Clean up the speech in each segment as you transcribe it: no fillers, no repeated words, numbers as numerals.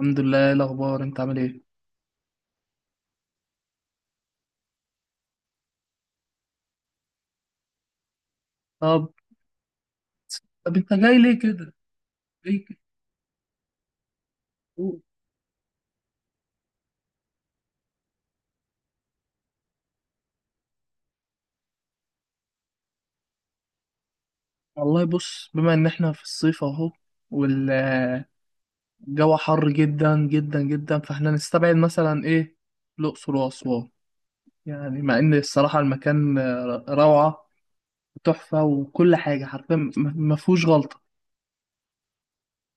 الحمد لله. إيه الاخبار؟ انت عامل ايه؟ طب. طب، انت جاي ليه كده؟ جاي كده؟ قول. والله، بص، بما ان احنا في الصيف اهو، والجو حر جدا جدا جدا. فاحنا نستبعد مثلا ايه؟ الاقصر واسوان. يعني مع ان الصراحه المكان روعه وتحفه وكل حاجه حرفيا. ما فيهوش غلطه.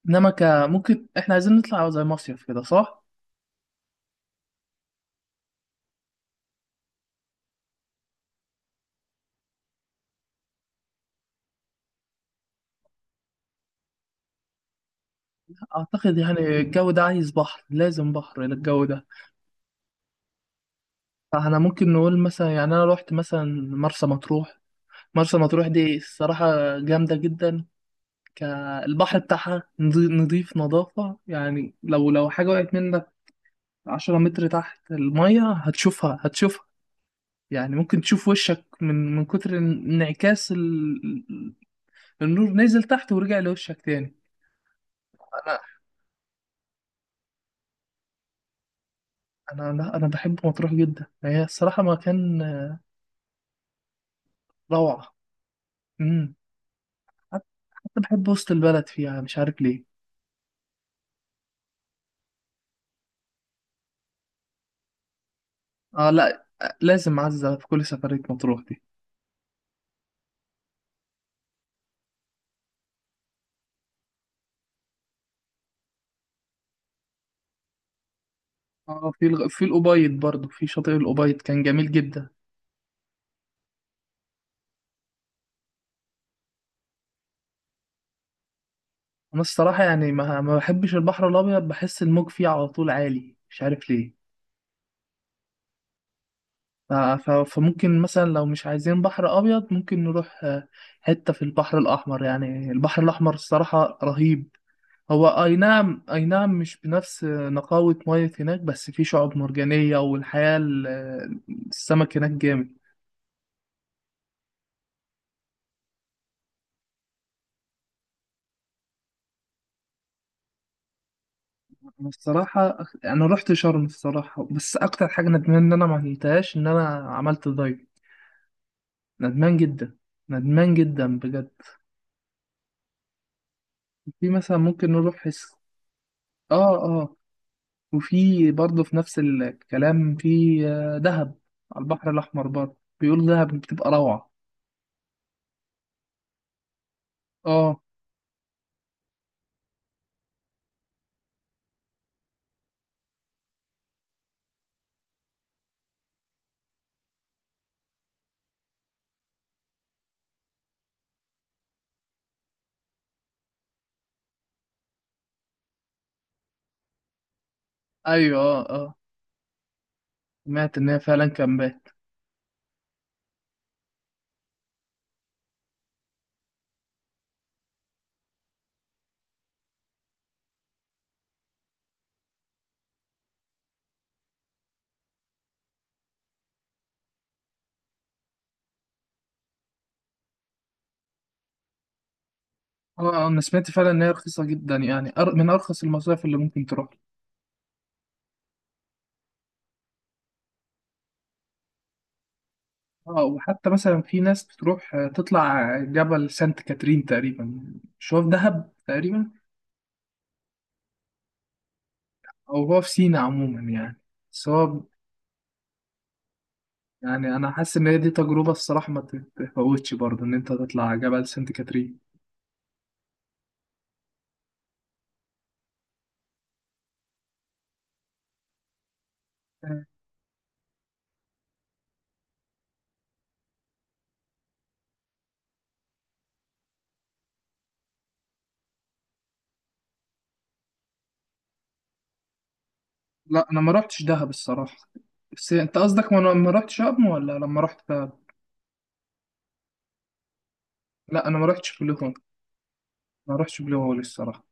انما ممكن احنا عايزين نطلع زي مصيف كده، صح؟ اعتقد يعني الجو ده عايز بحر، لازم بحر للجو ده. فاحنا ممكن نقول مثلا، يعني انا رحت مثلا مرسى مطروح. مرسى مطروح دي الصراحة جامدة جدا. كالبحر بتاعها نضيف، نظافة يعني لو حاجة وقعت منك عشرة متر تحت المية هتشوفها هتشوفها. يعني ممكن تشوف وشك من كتر انعكاس النور. نزل تحت ورجع لوشك تاني. انا. انا لا، انا بحب مطروح جدا، هي الصراحة مكان روعة. امم حتى حتى بحب وسط البلد فيها، مش عارف ليه. اه، لا، لازم عزة في كل سفرية مطروح دي. اه، في الأبيض برضه، في شاطئ الأبيض كان جميل جدا. أنا الصراحة يعني ما بحبش البحر الأبيض، بحس الموج فيه على طول عالي، مش عارف ليه. فممكن مثلا لو مش عايزين بحر أبيض، ممكن نروح حتة في البحر الأحمر. يعني البحر الأحمر الصراحة رهيب. هو أي نعم، أي نعم، مش بنفس نقاوة مية هناك، بس في شعاب مرجانية، السمك هناك جامد. أنا الصراحة أنا رحت شرم الصراحة، بس أكتر حاجة ندمان إن أنا ما عملتهاش إن أنا عملت دايف. ندمان جدا، ندمان جدا بجد. في مثلا ممكن نروح حس. آه، آه. وفي برضه في نفس الكلام، في دهب، على البحر الأحمر برضه، بيقولوا دهب بتبقى روعة. آه. أيوه، آه، آه. سمعت إن هي فعلا كامبات. آه، آه، أنا سمعت فعلا إن هي رخيصة جدا. يعني من أرخص المصايف اللي ممكن تروح. اه، وحتى مثلا في ناس بتروح تطلع جبل سانت كاترين تقريبا. مش هو في دهب تقريبا؟ او هو في سينا عموما يعني. بس هو، يعني انا حاسس ان هي دي تجربه الصراحه ما تتفوتش برضه، ان انت تطلع جبل سانت كاترين. آه، لا، انا ما رحتش دهب الصراحه. بس انت قصدك، وانا ما رحتش ولا لما رحت دهب. لا، انا ما رحتش بلو هول، ما رحتش بلو هول الصراحه.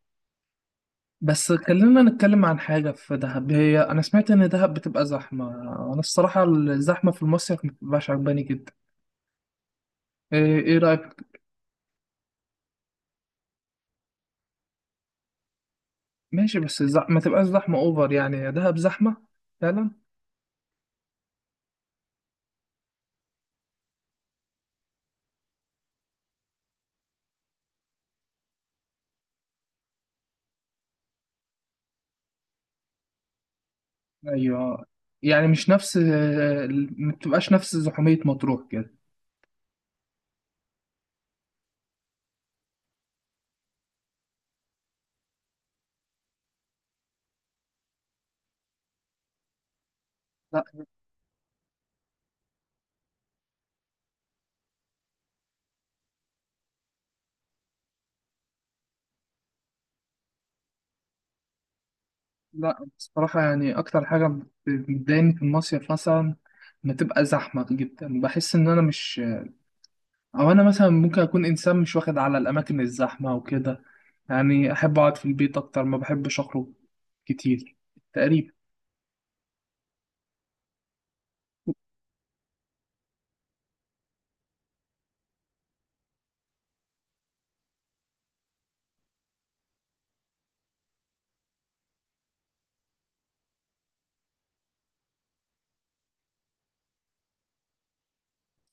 بس خلينا نتكلم عن حاجة في دهب. هي أنا سمعت إن دهب بتبقى زحمة. أنا الصراحة الزحمة في المصيف ما بتبقاش عجباني جدا. إيه رأيك؟ ماشي، بس ما تبقاش زحمة اوفر. يعني دهب زحمة فعلا. ايوه. يعني مش نفس ما تبقاش نفس زحومية مطروح كده. لا، لا. بصراحة يعني اكتر حاجة بتضايقني في المصيف مثلا، ما تبقى زحمة جدا، بحس ان انا مش، او انا مثلا ممكن اكون انسان مش واخد على الاماكن الزحمة وكده. يعني احب اقعد في البيت اكتر، ما بحبش اخرج كتير تقريبا.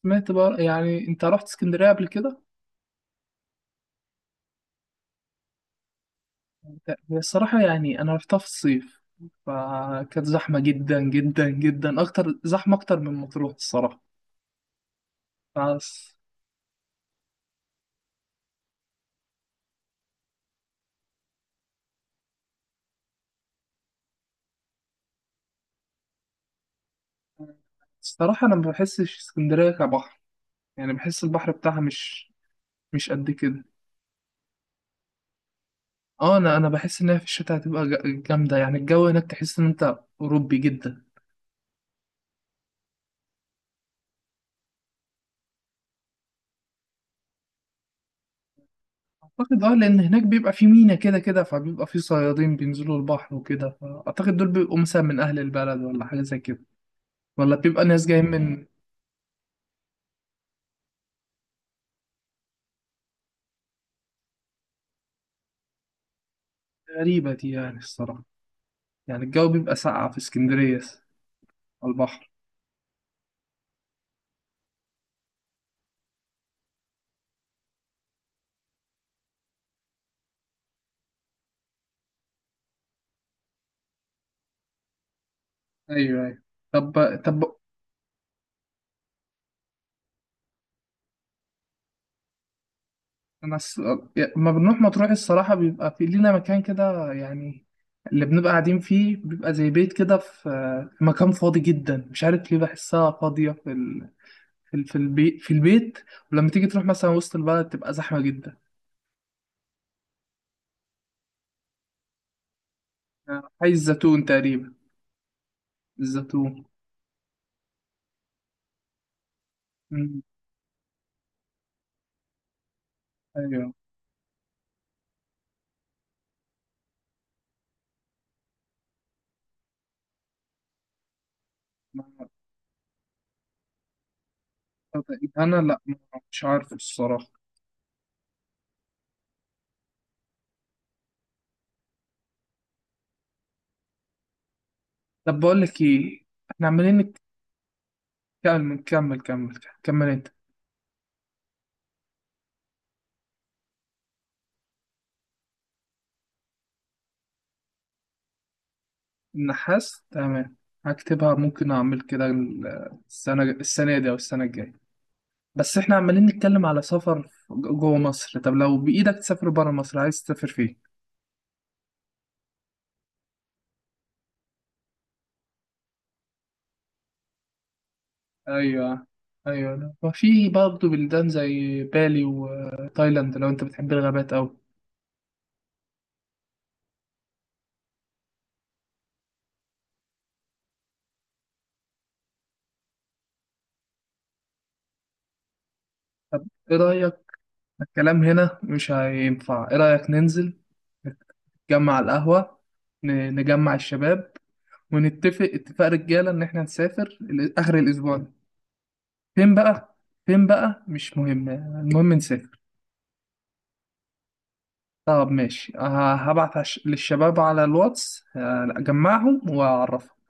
سمعت بقى، يعني انت رحت اسكندرية قبل كده؟ هي الصراحة يعني أنا رحتها في الصيف، فكانت زحمة جدا جدا جدا، أكتر زحمة أكتر من مطروح الصراحة. بس الصراحة أنا ما بحسش اسكندرية كبحر، يعني بحس البحر بتاعها مش، مش قد كده. اه، انا بحس ان هي في الشتاء هتبقى جامده. يعني الجو هناك تحس ان انت اوروبي جدا. اعتقد لان هناك بيبقى في مينا كده كده، فبيبقى في صيادين بينزلوا البحر وكده، فاعتقد دول بيبقوا مثلا من اهل البلد ولا حاجه زي كده، ولا بيبقى ناس جايين من. غريبه دي يعني الصراحه. يعني الجو بيبقى ساقع في اسكندرية على البحر؟ أيوه، أيوه. طب. طب. أنا لما بنروح مطروح الصراحة بيبقى في لينا مكان كده، يعني اللي بنبقى قاعدين فيه بيبقى زي بيت كده، في مكان فاضي جدا، مش عارف ليه، بحسها فاضية في البيت، في البيت. ولما تيجي تروح مثلا وسط البلد، تبقى زحمة جدا. آه، حي الزيتون تقريبا. الزيتون. مم. أيوه. ما- أنا لأ، مش عارف الصراحة. طب بقول لك إيه، احنا عمالين. كمل كمل كمل كمل انت. النحاس، تمام. هكتبها، ممكن اعمل كده. السنة دي او السنة الجاية. بس احنا عمالين نتكلم على سفر جوه مصر. طب لو بإيدك تسافر بره مصر، عايز تسافر فين؟ ايوه، ايوه، لا. وفي برضه بلدان زي بالي وتايلاند لو انت بتحب الغابات اوي. طب ايه رأيك؟ الكلام هنا مش هينفع. ايه رأيك ننزل، نتجمع على القهوة، نجمع الشباب، ونتفق اتفاق رجاله ان احنا نسافر اخر الاسبوع ده. فين بقى؟ فين بقى؟ مش مهم، المهم نسافر. طب ماشي، هبعت للشباب على الواتس، هجمعهم واعرفهم.